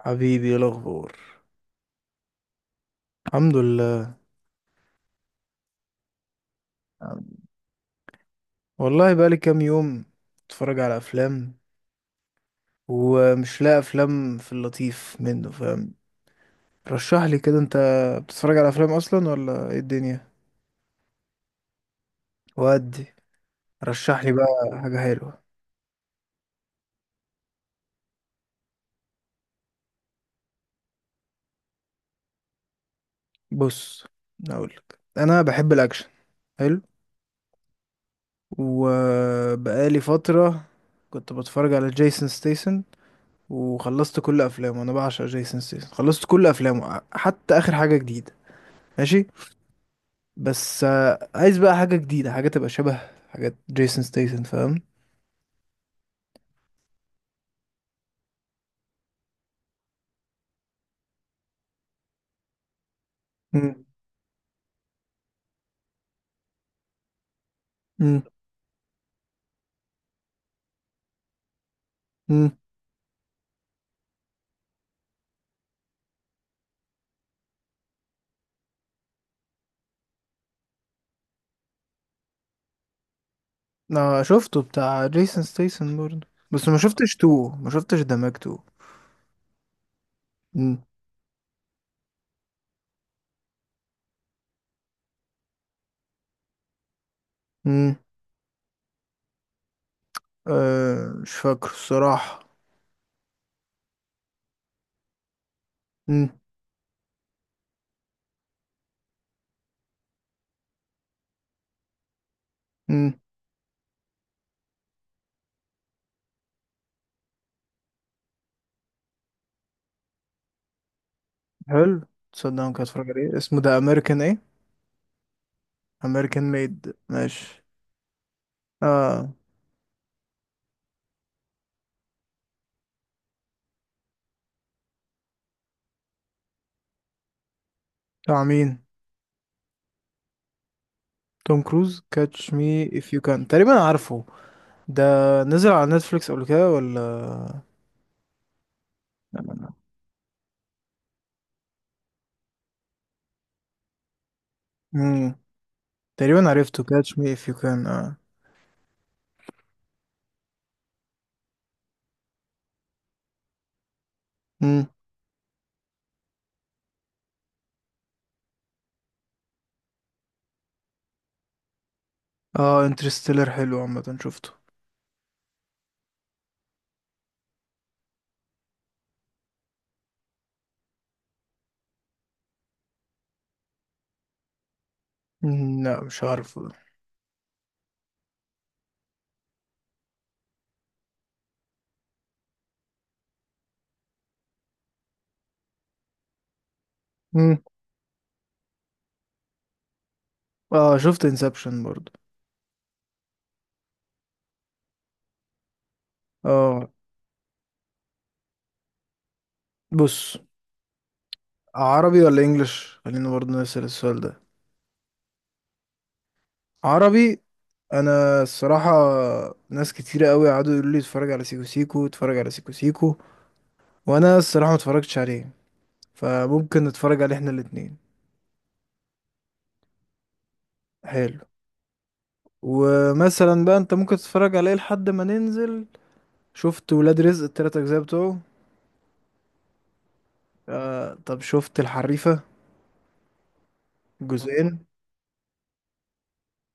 حبيبي، ايه الاخبار؟ الحمد لله. والله بقالي كام يوم اتفرج على افلام ومش لاقي افلام في اللطيف، منه فاهم. رشح لي كده، انت بتتفرج على افلام اصلا ولا ايه الدنيا؟ ودي، رشح لي بقى حاجه حلوه. بص، اقول لك انا بحب الاكشن. حلو. وبقالي فتره كنت بتفرج على جيسون ستيسن، وخلصت كل افلامه. انا بعشق جيسون ستيسن، خلصت كل افلامه حتى اخر حاجه جديده. ماشي. بس آه، عايز بقى حاجة جديدة، حاجة تبقى شبه حاجات جيسون ستيسن، فاهم. مم. مم. مم. انا شفته بتاع جيسون ستيسن برضه، بس ما شفتش دماغ تو. مم. مم. أه، مش فاكر الصراحة. مم. مم. حلو. تصدق ممكن اتفرج عليه؟ اسمه ده امريكان ايه؟ امريكان ميد، ماشي. اه. بتاع مين؟ توم كروز، كاتش مي اف يو كان، تقريبا عارفه. ده نزل على نتفليكس قبل كده ولا؟ مم. تقريبا عرفته، كاتش مي اف يو كان، اه. مم. اه انترستيلر حلو، عامة شفته. مم، لا، مش عارفه ده. مم. اه، شفت انسبشن برضو. اه. بص، عربي ولا انجلش؟ خلينا برضو نسأل السؤال ده. عربي. انا الصراحة، ناس كتيرة قوي قعدوا يقولوا لي اتفرج على سيكو سيكو، اتفرج على سيكو سيكو، وانا الصراحة ما اتفرجتش عليه. فممكن نتفرج عليه احنا الاتنين. حلو. ومثلا بقى انت ممكن تتفرج عليه لحد ما ننزل. شفت ولاد رزق التلات اجزاء بتوعه؟ آه، طب شفت الحريفة؟ جزئين.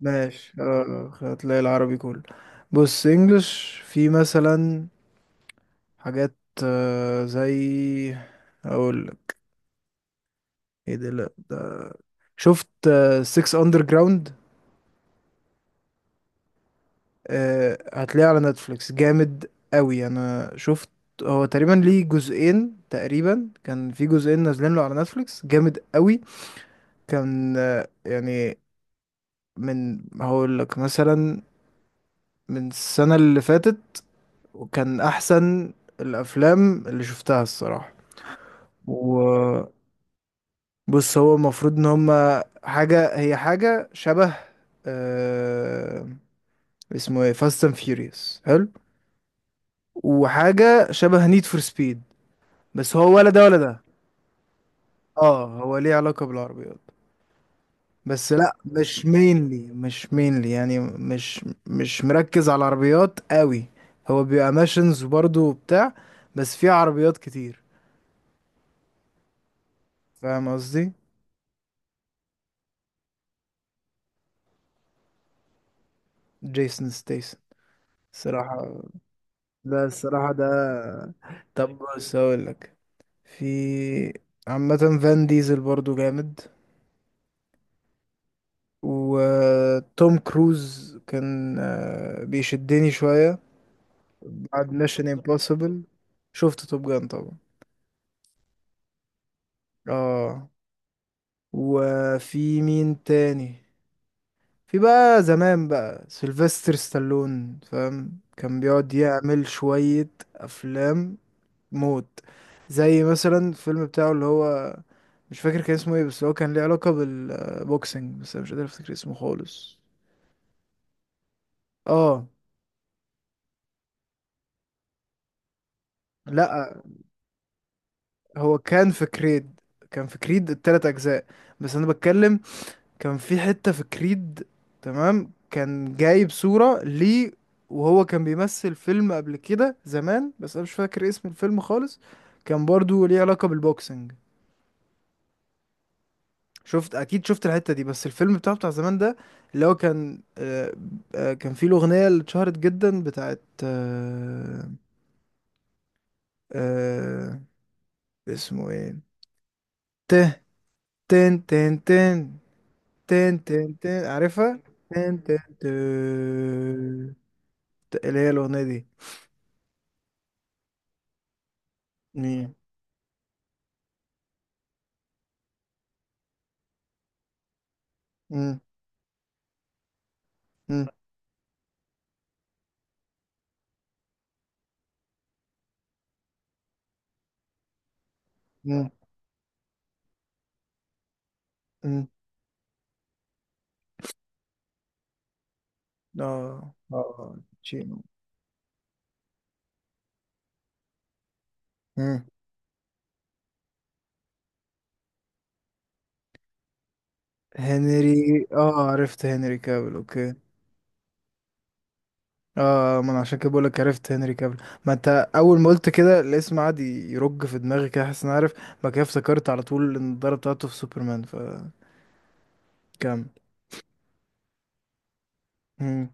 ماشي. آه، هتلاقي العربي كله. بص، انجلش في مثلا حاجات، آه، زي، اقول لك ايه ده، لا ده. شفت 6 اندر جراوند؟ هتلاقيه على نتفليكس، جامد قوي. انا شفت، هو تقريبا ليه جزئين، تقريبا كان في جزئين نازلين له على نتفليكس، جامد قوي. كان آه، يعني، من هقول لك مثلا، من السنة اللي فاتت. وكان احسن الافلام اللي شفتها الصراحه. وبص، هو المفروض ان هما حاجه، هي حاجه شبه، آه، اسمه ايه، فاست اند فيوريوس، حلو. وحاجه شبه نيد فور سبيد. بس هو ولا ده ولا ده. اه، هو ليه علاقه بالعربيات، بس لا، مش مينلي يعني، مش مركز على العربيات قوي. هو بيبقى ماشنز برضه وبتاع، بس فيه عربيات كتير. فاهم قصدي؟ جيسون ستيس، الصراحة. لا، الصراحة ده، طب بص هقول لك، في، عامة، فان ديزل برضو جامد. وتوم كروز كان بيشدني شوية بعد ميشن امبوسيبل. شفت توب جان طبعا. اه. وفي مين تاني؟ في بقى زمان بقى سيلفستر ستالون، فاهم. كان بيقعد يعمل شوية أفلام موت، زي مثلا الفيلم بتاعه اللي هو، مش فاكر كان اسمه ايه، بس هو كان ليه علاقة بالبوكسنج، بس انا مش قادر افتكر اسمه خالص. اه. لا، هو كان في كريد، كان في كريد التلات اجزاء، بس انا بتكلم كان في حتة في كريد، تمام، كان جايب صورة ليه، وهو كان بيمثل فيلم قبل كده زمان، بس انا مش فاكر اسم الفيلم خالص. كان برضو ليه علاقة بالبوكسنج. شفت اكيد، شفت الحته دي، بس الفيلم بتاعه بتاع زمان ده، اللي هو كان آه، آه، كان فيه الاغنيه اللي اتشهرت جدا بتاعت آه، آه، اسمه ايه، ته، تن تن تن، تن تن تن، عارفها؟ تن تن تن. اللي هي الاغنيه دي. مم. مم. مم. مم. مم. اه اه. تشينو. مم. هنري، اه عرفت، هنري كابل، اوكي. اه، ما انا عشان كده بقولك عرفت هنري كابل. ما انت، اول ما قلت كده الاسم قعد يرج في دماغي كده، حاسس اني عارف. بعد كده افتكرت على طول النضاره بتاعته في سوبرمان، فكمل. مم.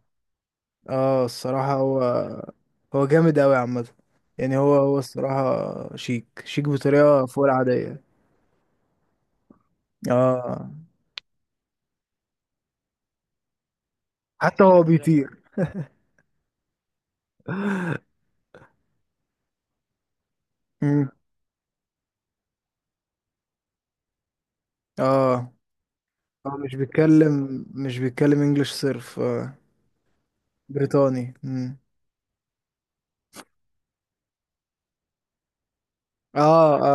اه، الصراحه هو جامد اوي عامه. يعني هو، هو الصراحه شيك شيك بطريقه فوق العاديه. اه. حتى هو بيطير. مم. اه، هو مش بيتكلم انجلش صرف. آه. بريطاني. مم. اه. اه.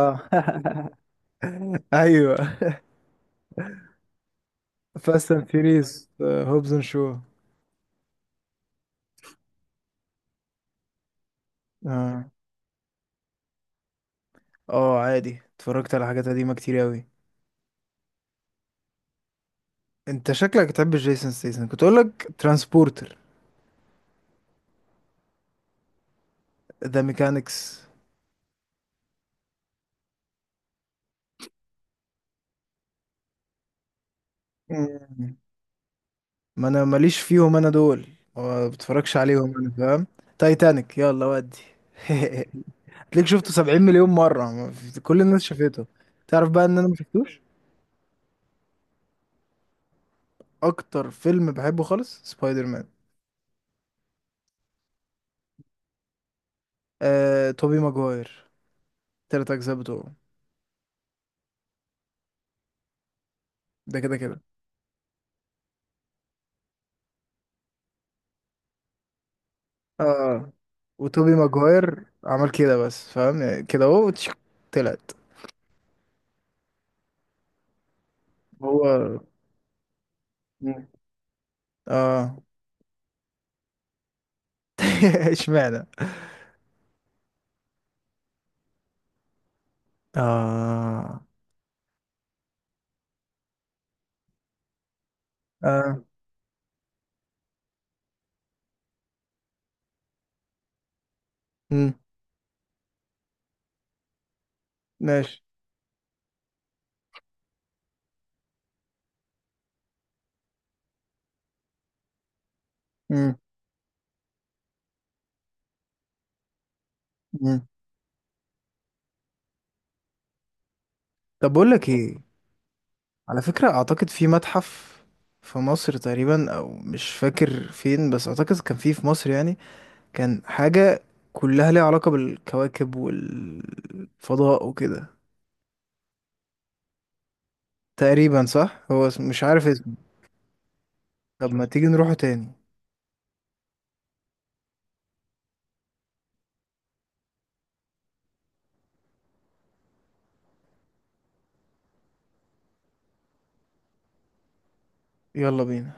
ايوه، فاست اند فيريز هوبز اند شو. اه. اه، عادي، اتفرجت على حاجات قديمة كتير اوي. انت شكلك بتحب جيسون ستيسن، كنت اقول لك ترانسبورتر، ذا ميكانكس. مم. ما انا ماليش فيهم انا دول، ما بتفرجش عليهم انا، فاهم. تايتانيك، يلا ودي. هتلاقيك شفته 70 مليون مرة، ما في- كل الناس شافته. تعرف بقى ان انا ما شفتوش؟ اكتر فيلم بحبه خالص سبايدر مان. آه، توبي ماجواير، تلات اجزاء بتوعه. ده كده كده. اه، وتوبي ماجواير عمل كده بس، فاهم يعني، كده اهو، طلعت. هو، مم، اه. اشمعنى؟ اه. اه. مم. ماشي. مم. مم. طب بقول لك ايه، على فكرة اعتقد في متحف في مصر تقريبا، او مش فاكر فين، بس اعتقد كان فيه في مصر يعني. كان حاجة كلها ليها علاقة بالكواكب والفضاء وكده. تقريبا صح، هو مش عارف اسمه. طب ما تيجي نروحه تاني؟ يلا بينا.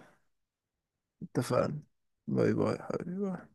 اتفقنا. باي باي حبيبي.